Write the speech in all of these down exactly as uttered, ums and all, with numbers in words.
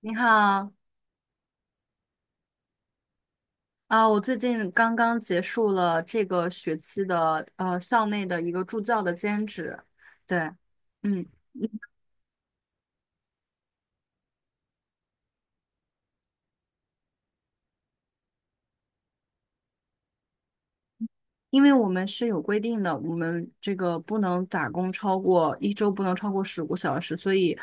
你好，啊，我最近刚刚结束了这个学期的呃校内的一个助教的兼职，对，嗯，因为我们是有规定的，我们这个不能打工超过一周不能超过十五个小时，所以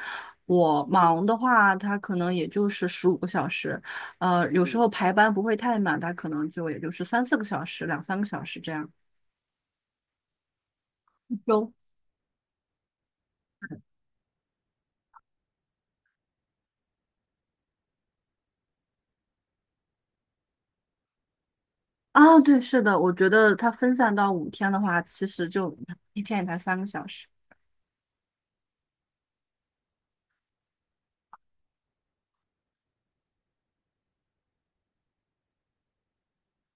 我忙的话，它可能也就是十五个小时，呃，有时候排班不会太满，它可能就也就是三四个小时、两三个小时这样。一周。啊，对，是的，我觉得它分散到五天的话，其实就一天也才三个小时。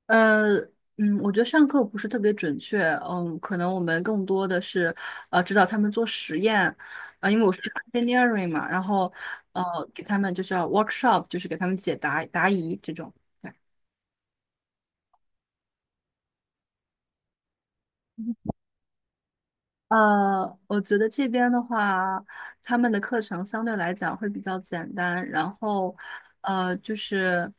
呃，嗯，我觉得上课不是特别准确，嗯，可能我们更多的是，呃，指导他们做实验，啊，因为我是 engineering 嘛，然后，呃，给他们就是要 workshop，就是给他们解答答疑这种。呃，我觉得这边的话，他们的课程相对来讲会比较简单，然后，呃，就是。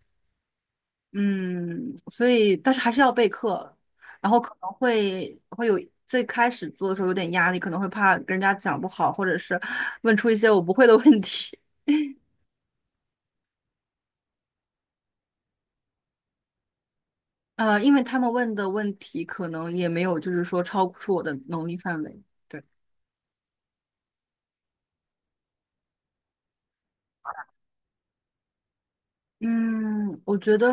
嗯，所以但是还是要备课，然后可能会会有最开始做的时候有点压力，可能会怕跟人家讲不好，或者是 问出一些我不会的问题。呃，因为他们问的问题可能也没有，就是说超出我的能力范围。对，嗯，我觉得，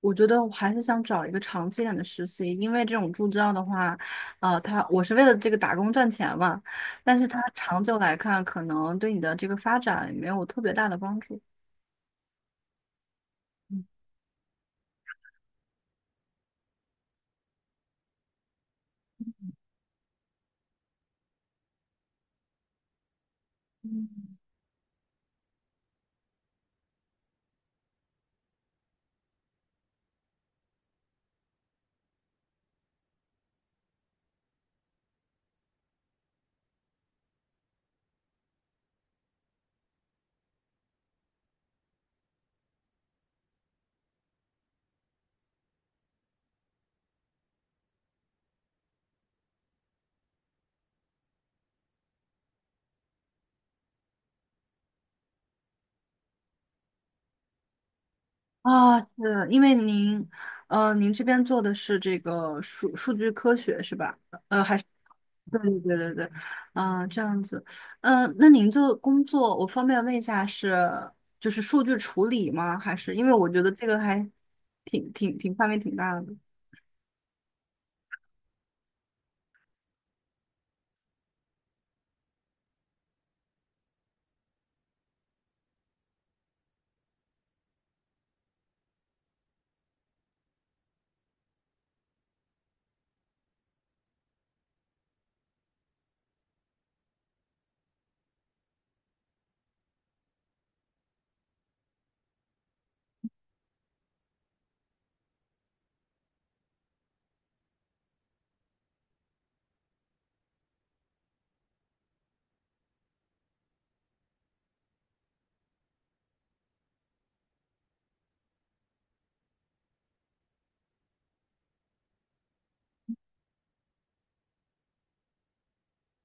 我觉得我还是想找一个长期一点的实习，因为这种助教的话，呃，他我是为了这个打工赚钱嘛，但是他长久来看，可能对你的这个发展没有特别大的帮助。嗯啊，是因为您，呃，您这边做的是这个数数据科学是吧？呃，还是对对对对对，啊，这样子，嗯、那您做工作，我方便问一下是就是数据处理吗？还是因为我觉得这个还挺挺挺范围挺大的，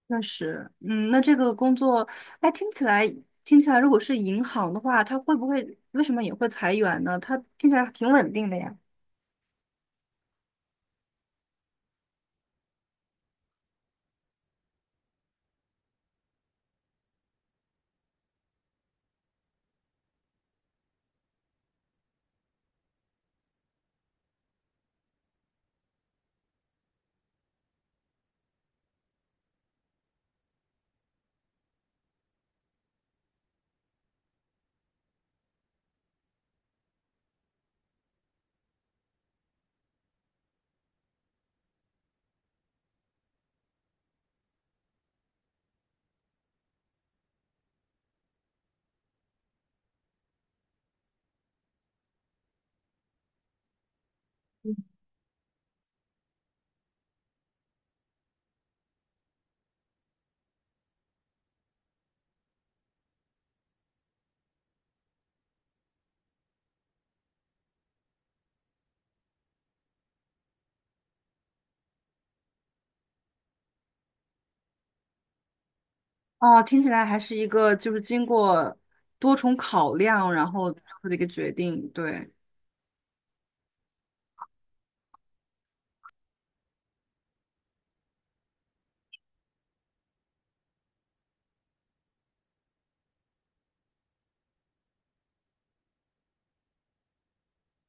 确实，嗯，那这个工作，哎，听起来听起来，如果是银行的话，它会不会为什么也会裁员呢？它听起来挺稳定的呀。哦，听起来还是一个就是经过多重考量，然后做出的一个决定，对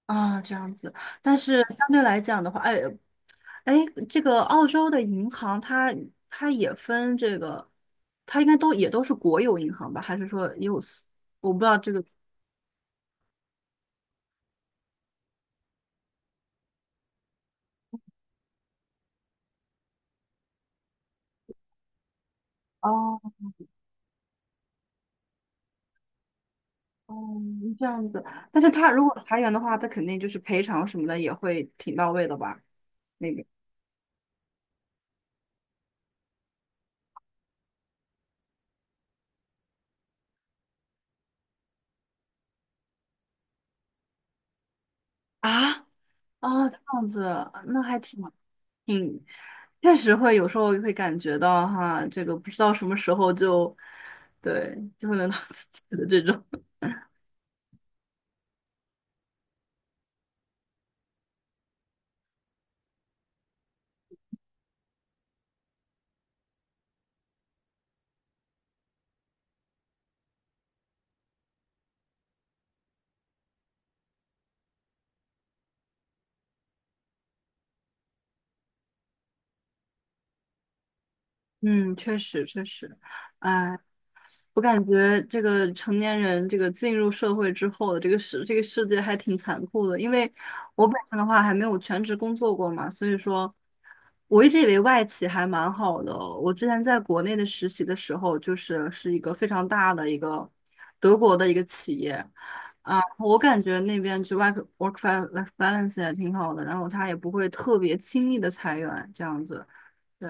啊，这样子。但是相对来讲的话，哎哎，这个澳洲的银行它它也分这个，它应该都也都是国有银行吧？还是说 use？我不知道这个。哦哦，这样子。但是它如果裁员的话，它肯定就是赔偿什么的也会挺到位的吧？那个啊哦，这样子，那还挺挺。确实会有时候会感觉到哈，这个不知道什么时候就，对，就会轮到自己的这种。嗯，确实确实，哎，我感觉这个成年人这个进入社会之后的这个世这个世界还挺残酷的，因为我本身的话还没有全职工作过嘛，所以说我一直以为外企还蛮好的。我之前在国内的实习的时候，就是是一个非常大的一个德国的一个企业啊，我感觉那边就 work work life balance 也挺好的，然后他也不会特别轻易的裁员这样子。对，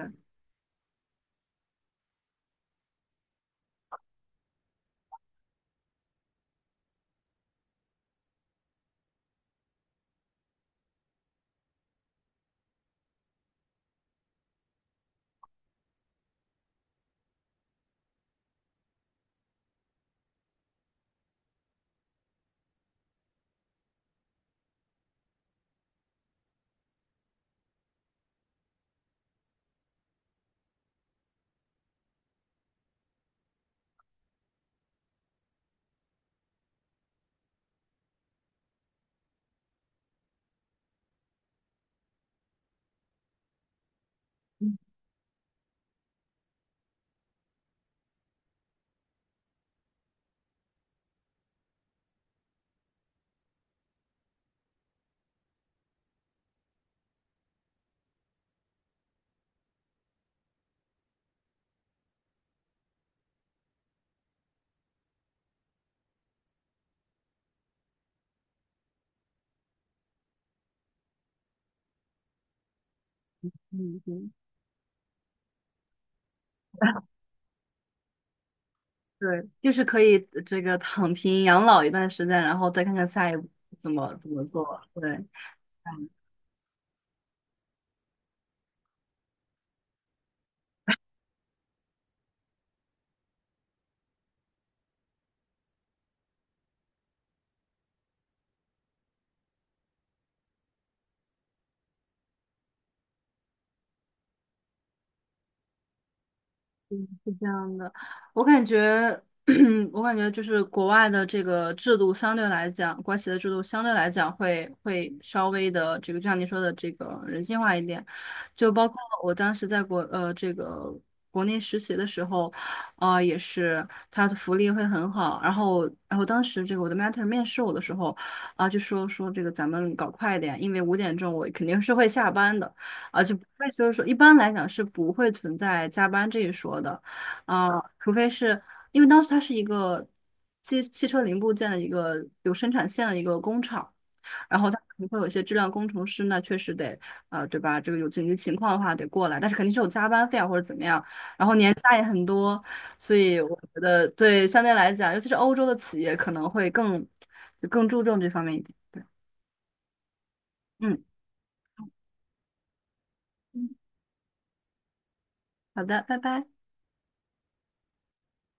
嗯，对，就是可以呃这个躺平养老一段时间，然后再看看下一步怎么怎么做。对，是这样的，我感觉，我感觉就是国外的这个制度相对来讲，国企的制度相对来讲会会稍微的这个，就像你说的这个人性化一点。就包括我当时在国呃这个国内实习的时候，啊也是他的福利会很好。然后然后当时这个我的 m a n t e r 面试我的时候，啊、就说说这个咱们搞快一点，因为五点钟我肯定是会下班的，啊、就不会就是说一般来讲是不会存在加班这一说的。啊，除非是因为当时它是一个汽汽车零部件的一个有生产线的一个工厂，然后它可能会有一些质量工程师，那确实得啊、呃对吧？这个有紧急情况的话得过来，但是肯定是有加班费啊或者怎么样，然后年假也很多，所以我觉得对相对来讲，尤其是欧洲的企业可能会更就更注重这方面一点。对，嗯，嗯好的，拜拜。